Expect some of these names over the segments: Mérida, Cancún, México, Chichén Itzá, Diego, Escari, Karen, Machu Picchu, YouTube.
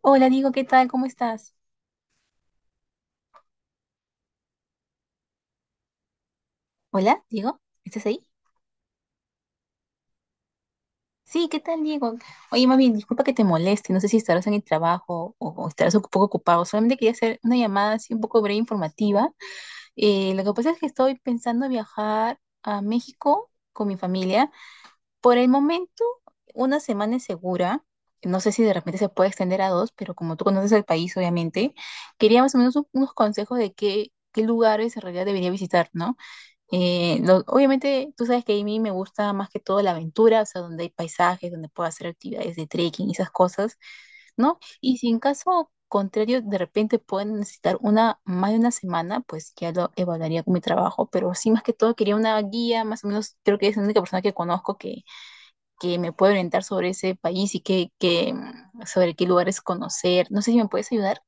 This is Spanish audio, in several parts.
Hola, Diego, ¿qué tal? ¿Cómo estás? Hola, Diego, ¿estás ahí? Sí, ¿qué tal, Diego? Oye, más bien, disculpa que te moleste, no sé si estarás en el trabajo o estarás un poco ocupado, solamente quería hacer una llamada así un poco breve informativa. Lo que pasa es que estoy pensando viajar a México con mi familia. Por el momento, una semana es segura. No sé si de repente se puede extender a dos, pero como tú conoces el país, obviamente, quería más o menos unos consejos de qué lugares en realidad debería visitar, ¿no? Obviamente, tú sabes que a mí me gusta más que todo la aventura, o sea, donde hay paisajes, donde puedo hacer actividades de trekking y esas cosas, ¿no? Y si en caso contrario, de repente pueden necesitar más de una semana, pues ya lo evaluaría con mi trabajo, pero sí, más que todo, quería una guía, más o menos, creo que es la única persona que conozco que me puede orientar sobre ese país y sobre qué lugares conocer. No sé si me puedes ayudar.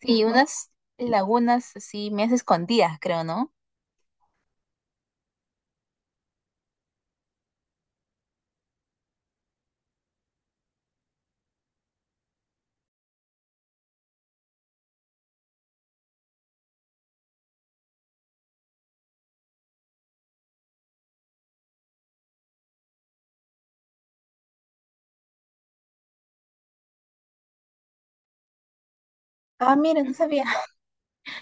Sí, unas lagunas así, medias escondidas, creo, ¿no? Ah, mira, no sabía.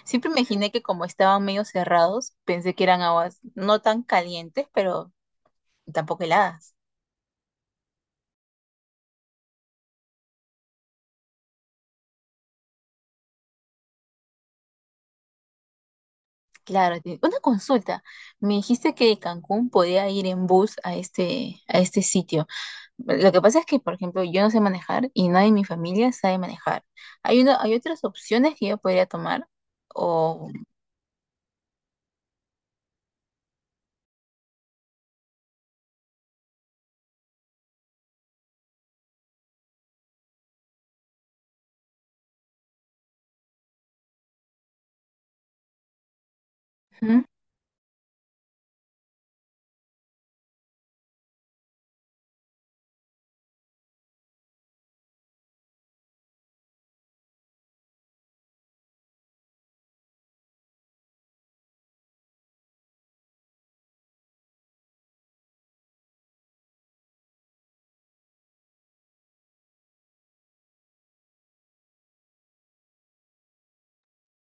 Siempre me imaginé que como estaban medio cerrados, pensé que eran aguas no tan calientes, pero tampoco heladas. Claro, una consulta. Me dijiste que de Cancún podía ir en bus a este sitio. Lo que pasa es que, por ejemplo, yo no sé manejar y nadie en mi familia sabe manejar. Hay otras opciones que yo podría tomar. O ujú.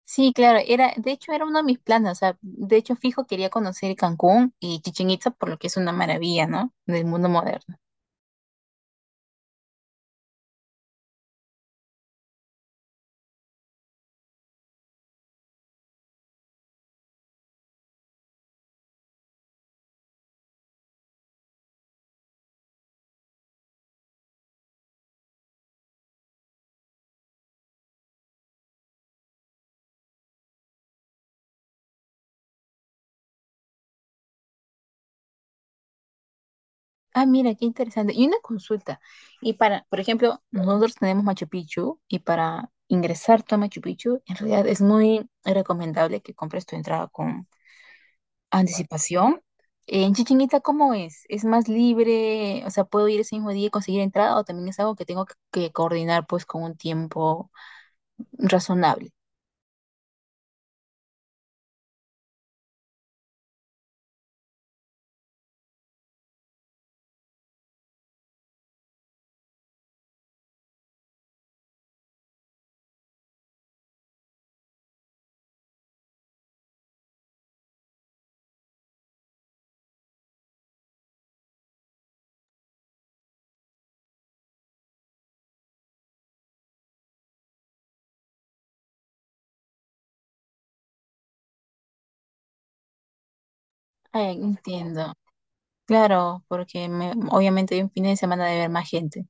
Sí, claro, era, de hecho era uno de mis planes. O sea, de hecho fijo quería conocer Cancún y Chichén Itzá por lo que es una maravilla, ¿no? Del mundo moderno. Ah, mira, qué interesante. Y una consulta. Y para, por ejemplo, nosotros tenemos Machu Picchu y para ingresar tú a Machu Picchu, en realidad es muy recomendable que compres tu entrada con anticipación. En Chichén Itzá, ¿cómo es? ¿Es más libre? O sea, ¿puedo ir ese mismo día y conseguir entrada? ¿O también es algo que tengo que coordinar pues con un tiempo razonable? Ay, entiendo. Claro, porque obviamente hay un fin de semana de ver más gente.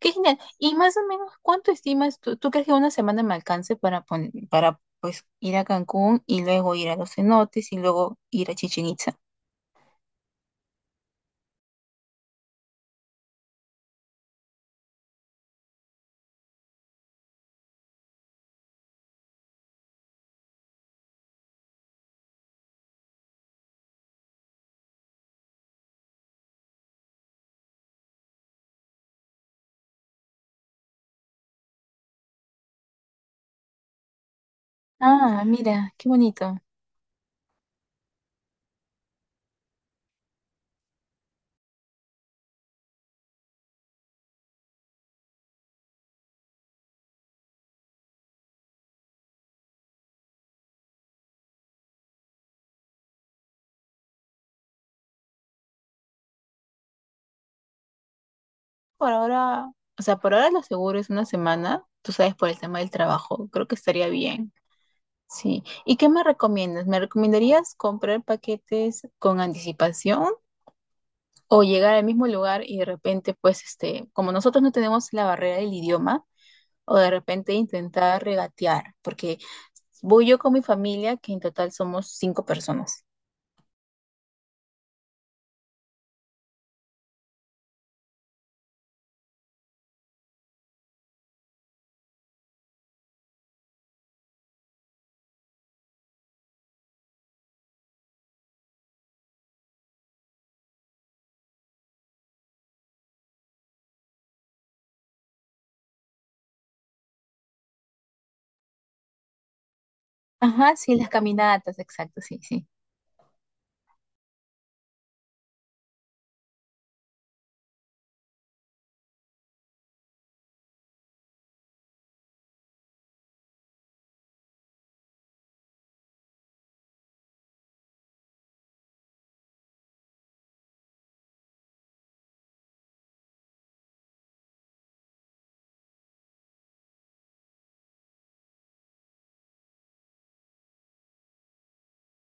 Qué genial. Y más o menos, ¿cuánto estimas? ¿Tú crees que una semana me alcance para, para pues ir a Cancún y luego ir a los cenotes y luego ir a Chichén Itzá? Ah, mira, qué bonito. Por ahora, o sea, por ahora lo seguro es una semana, tú sabes, por el tema del trabajo, creo que estaría bien. Sí. ¿Y qué me recomiendas? ¿Me recomendarías comprar paquetes con anticipación o llegar al mismo lugar y de repente, pues, este, como nosotros no tenemos la barrera del idioma, o de repente intentar regatear? Porque voy yo con mi familia, que en total somos 5 personas. Ajá, sí, las caminatas, exacto, sí, sí.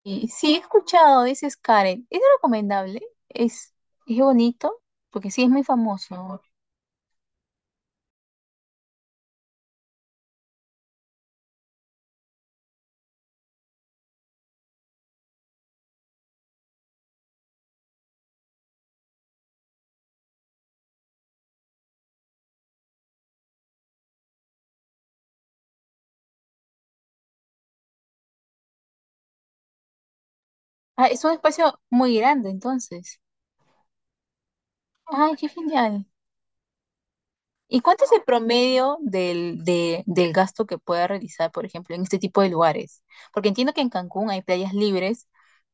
Y sí, he escuchado, dices Karen. ¿Es recomendable? ¿Es, es bonito? Porque sí, es muy famoso. Ah, es un espacio muy grande, entonces. Ay, qué genial. ¿Y cuánto es el promedio del gasto que pueda realizar, por ejemplo, en este tipo de lugares? Porque entiendo que en Cancún hay playas libres,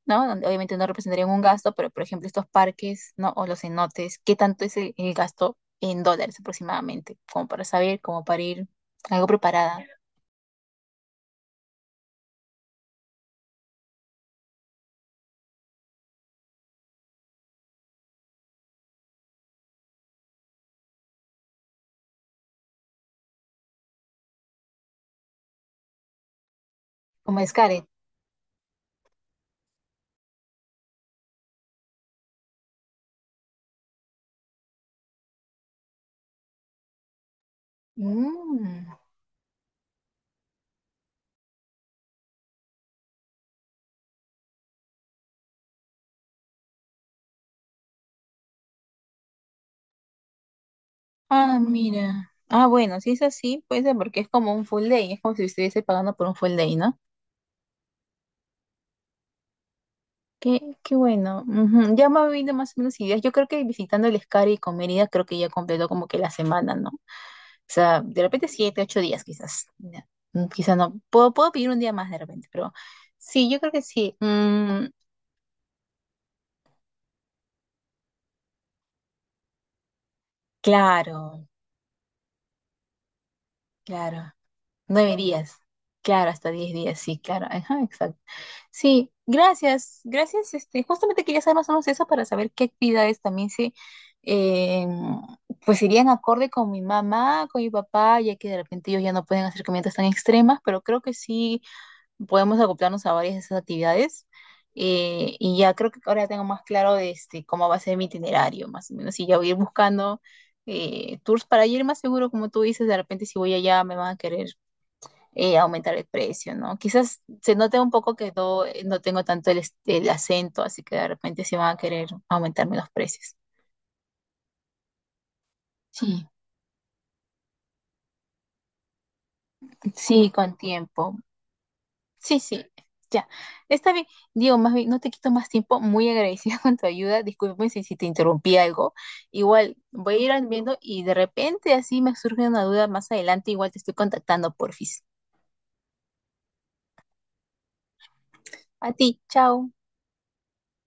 ¿no? Donde obviamente no representarían un gasto, pero por ejemplo, estos parques, ¿no? O los cenotes, ¿qué tanto es el gasto en dólares aproximadamente? Como para saber, como para ir algo preparada. Como es Karen. Mm. Ah, mira. Ah, bueno, si es así, puede ser porque es como un full day, es como si estuviese pagando por un full day, ¿no? Qué bueno. Ujú. Ya me ha venido más o menos ideas. Yo creo que visitando el Escari y con Mérida creo que ya completó como que la semana, ¿no? O sea, de repente 7, 8 días quizás. Ya. Mm, quizás no. Puedo pedir un día más de repente, pero sí, yo creo que sí. Mm, claro, claro. 9 días. Claro, hasta 10 días, sí, claro. Ajá, exacto. Sí, gracias, gracias. Este, justamente quería saber más o menos eso para saber qué actividades también eh, pues irían acorde con mi mamá, con mi papá, ya que de repente ellos ya no pueden hacer caminatas tan extremas, pero creo que sí podemos acoplarnos a varias de esas actividades. Y ya creo que ahora tengo más claro de este, cómo va a ser mi itinerario, más o menos. Y ya voy a ir buscando tours para ir más seguro, como tú dices, de repente si voy allá me van a querer aumentar el precio, ¿no? Quizás se note un poco que no tengo tanto el acento, así que de repente sí van a querer aumentarme los precios. Sí. Sí, con tiempo. Sí, sí, ya. Está bien. Diego, más bien, no te quito más tiempo. Muy agradecida con tu ayuda. Disculpen si te interrumpí algo. Igual, voy a ir viendo y de repente así me surge una duda más adelante. Igual te estoy contactando, porfis. A ti, chao.